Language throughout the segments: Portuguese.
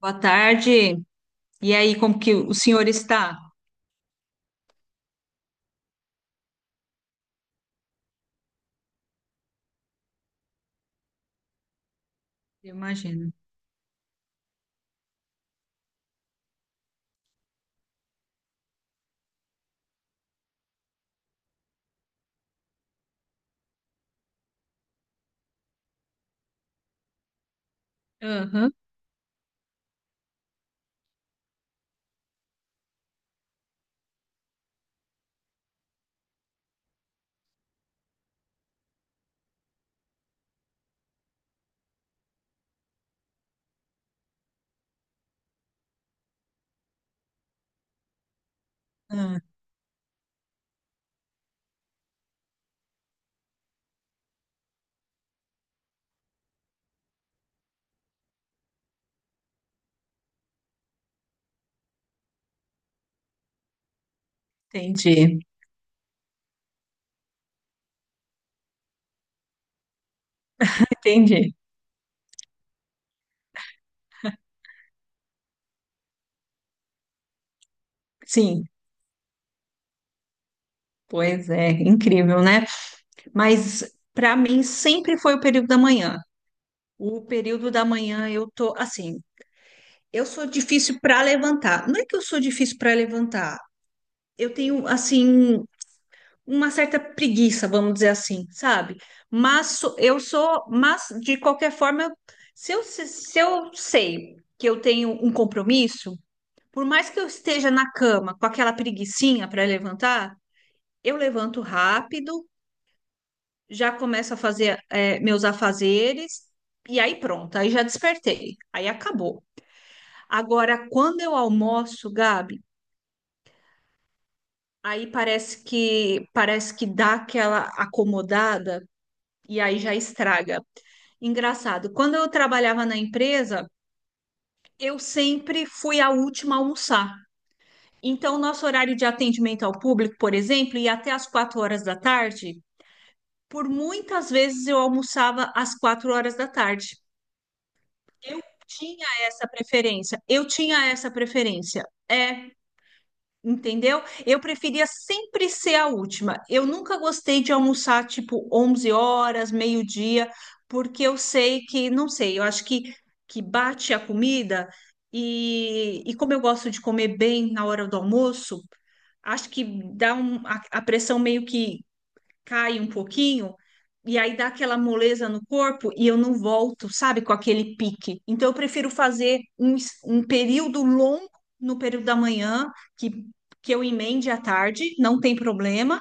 Boa tarde. E aí, como que o senhor está? Eu imagino. Aham. Ah, entendi. Entendi. Sim, pois é, incrível, né? Mas para mim sempre foi o período da manhã. O período da manhã eu tô assim, eu sou difícil para levantar. Não é que eu sou difícil para levantar. Eu tenho assim uma certa preguiça, vamos dizer assim, sabe? Mas de qualquer forma, se eu sei que eu tenho um compromisso, por mais que eu esteja na cama com aquela preguicinha para levantar, eu levanto rápido, já começo a fazer meus afazeres. E aí pronto, aí já despertei, aí acabou. Agora, quando eu almoço, Gabi, aí parece que dá aquela acomodada e aí já estraga. Engraçado. Quando eu trabalhava na empresa, eu sempre fui a última a almoçar. Então, nosso horário de atendimento ao público, por exemplo, ia até às 4 horas da tarde. Por muitas vezes eu almoçava às 4 horas da tarde. Eu tinha essa preferência. Eu tinha essa preferência. É. Entendeu? Eu preferia sempre ser a última. Eu nunca gostei de almoçar tipo 11 horas, meio-dia, porque eu sei que, não sei, eu acho que bate a comida e como eu gosto de comer bem na hora do almoço, acho que dá a pressão meio que cai um pouquinho, e aí dá aquela moleza no corpo e eu não volto, sabe, com aquele pique. Então eu prefiro fazer um período longo no período da manhã, que, que eu emende à tarde, não tem problema,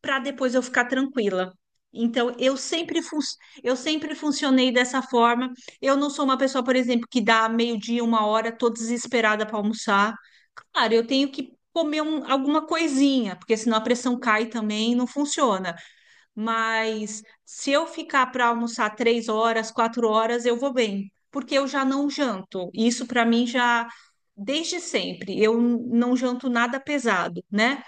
para depois eu ficar tranquila. Então eu sempre funcionei dessa forma. Eu não sou uma pessoa, por exemplo, que dá meio-dia, 1 hora, tô desesperada para almoçar. Claro, eu tenho que comer alguma coisinha, porque senão a pressão cai também e não funciona, mas se eu ficar para almoçar 3 horas, 4 horas, eu vou bem, porque eu já não janto. Isso para mim já desde sempre. Eu não janto nada pesado, né?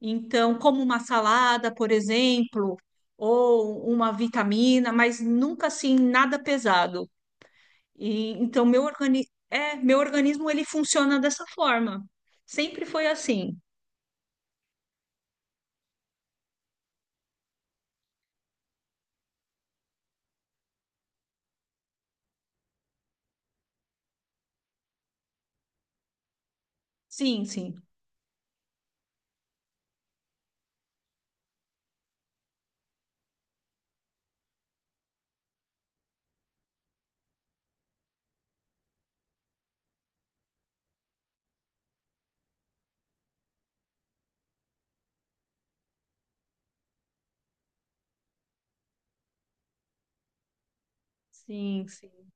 Então, como uma salada, por exemplo, ou uma vitamina, mas nunca assim nada pesado. E então meu organismo ele funciona dessa forma. Sempre foi assim. Sim, sim. Sim, sim.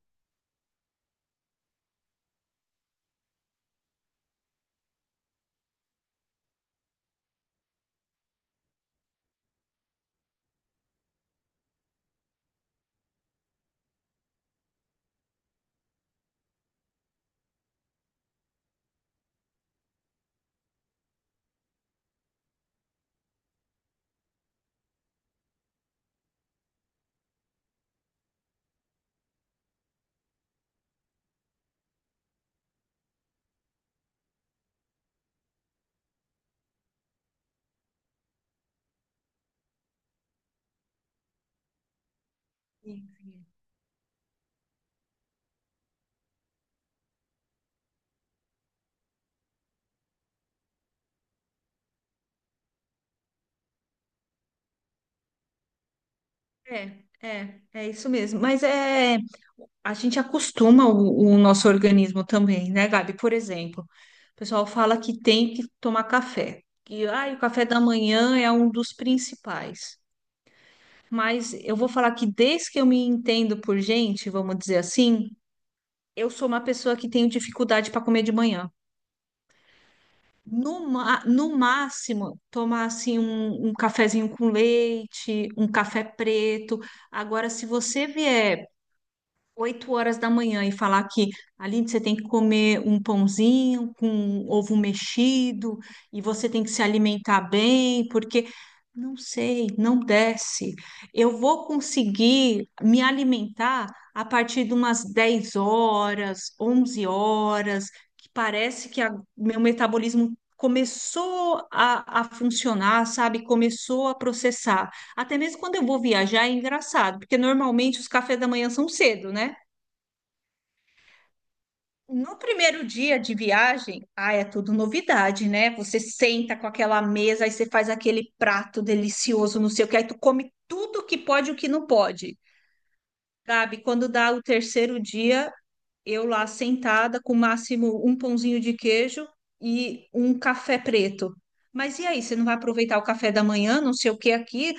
Sim, sim. É, é isso mesmo. Mas a gente acostuma o nosso organismo também, né, Gabi? Por exemplo, o pessoal fala que tem que tomar café, que ah, o café da manhã é um dos principais. Mas eu vou falar que desde que eu me entendo por gente, vamos dizer assim, eu sou uma pessoa que tenho dificuldade para comer de manhã. No máximo, tomar assim um cafezinho com leite, um café preto. Agora, se você vier 8 horas da manhã e falar que, Aline, você tem que comer um pãozinho com ovo mexido e você tem que se alimentar bem, porque não sei, não desce. Eu vou conseguir me alimentar a partir de umas 10 horas, 11 horas, que parece que meu metabolismo começou a funcionar, sabe? Começou a processar. Até mesmo quando eu vou viajar é engraçado, porque normalmente os cafés da manhã são cedo, né? No primeiro dia de viagem, ah, é tudo novidade, né? Você senta com aquela mesa, aí você faz aquele prato delicioso, não sei o que, aí tu come tudo que pode e o que não pode. Sabe, quando dá o terceiro dia, eu lá sentada com o máximo um pãozinho de queijo e um café preto. Mas e aí, você não vai aproveitar o café da manhã, não sei o que aqui.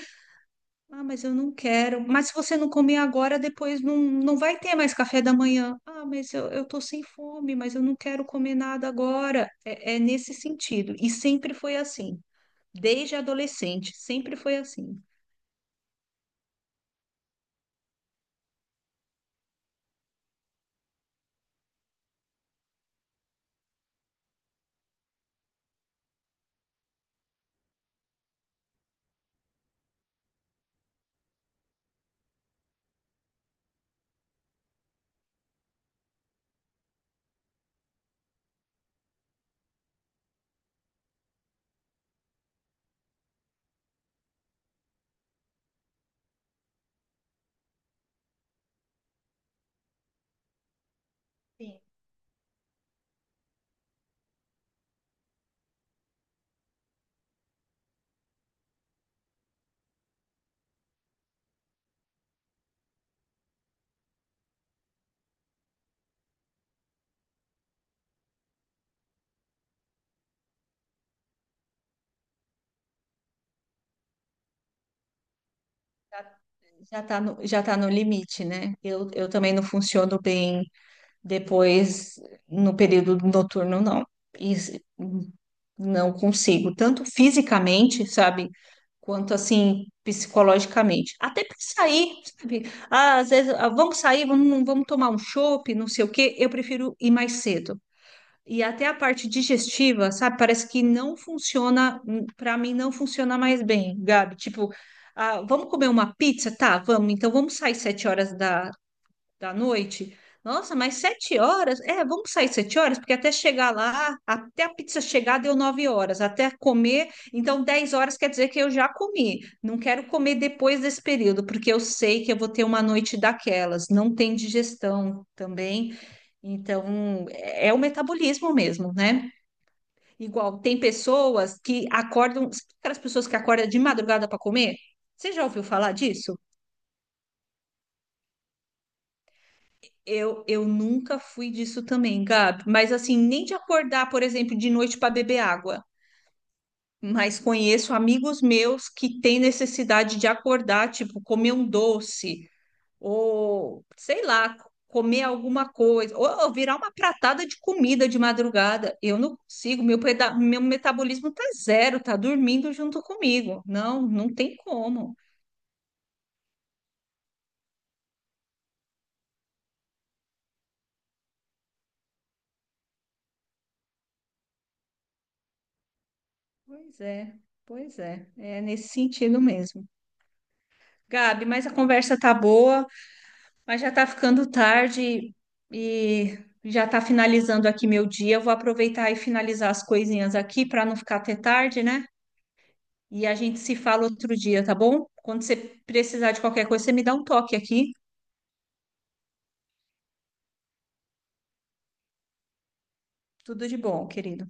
Ah, mas eu não quero. Mas se você não comer agora, depois não vai ter mais café da manhã. Ah, mas eu tô sem fome, mas eu não quero comer nada agora. É, é nesse sentido. E sempre foi assim. Desde adolescente, sempre foi assim. Já, já tá no limite, né? Eu também não funciono bem. Depois, no período noturno, não. E se- não consigo, tanto fisicamente, sabe, quanto assim, psicologicamente. Até para sair, sabe? Ah, às vezes, ah, vamos sair, vamos tomar um chopp, não sei o quê, eu prefiro ir mais cedo. E até a parte digestiva, sabe, parece que não funciona, para mim não funciona mais bem, Gabi. Tipo, ah, vamos comer uma pizza? Tá, vamos, então vamos sair 7 horas da noite. Nossa, mas 7 horas? É, vamos sair 7 horas, porque até chegar lá, até a pizza chegar deu 9 horas, até comer, então 10 horas quer dizer que eu já comi. Não quero comer depois desse período, porque eu sei que eu vou ter uma noite daquelas. Não tem digestão também, então é o metabolismo mesmo, né? Igual tem pessoas que acordam, sabe aquelas pessoas que acordam de madrugada para comer? Você já ouviu falar disso? Eu nunca fui disso também, Gabi. Mas assim, nem de acordar, por exemplo, de noite para beber água. Mas conheço amigos meus que têm necessidade de acordar, tipo, comer um doce, ou sei lá, comer alguma coisa, ou virar uma pratada de comida de madrugada. Eu não consigo, meu metabolismo tá zero, tá dormindo junto comigo. Não, não tem como. Pois é, pois é. É nesse sentido mesmo. Gabi, mas a conversa tá boa. Mas já está ficando tarde e já está finalizando aqui meu dia. Eu vou aproveitar e finalizar as coisinhas aqui para não ficar até tarde, né? E a gente se fala outro dia, tá bom? Quando você precisar de qualquer coisa, você me dá um toque aqui. Tudo de bom, querido.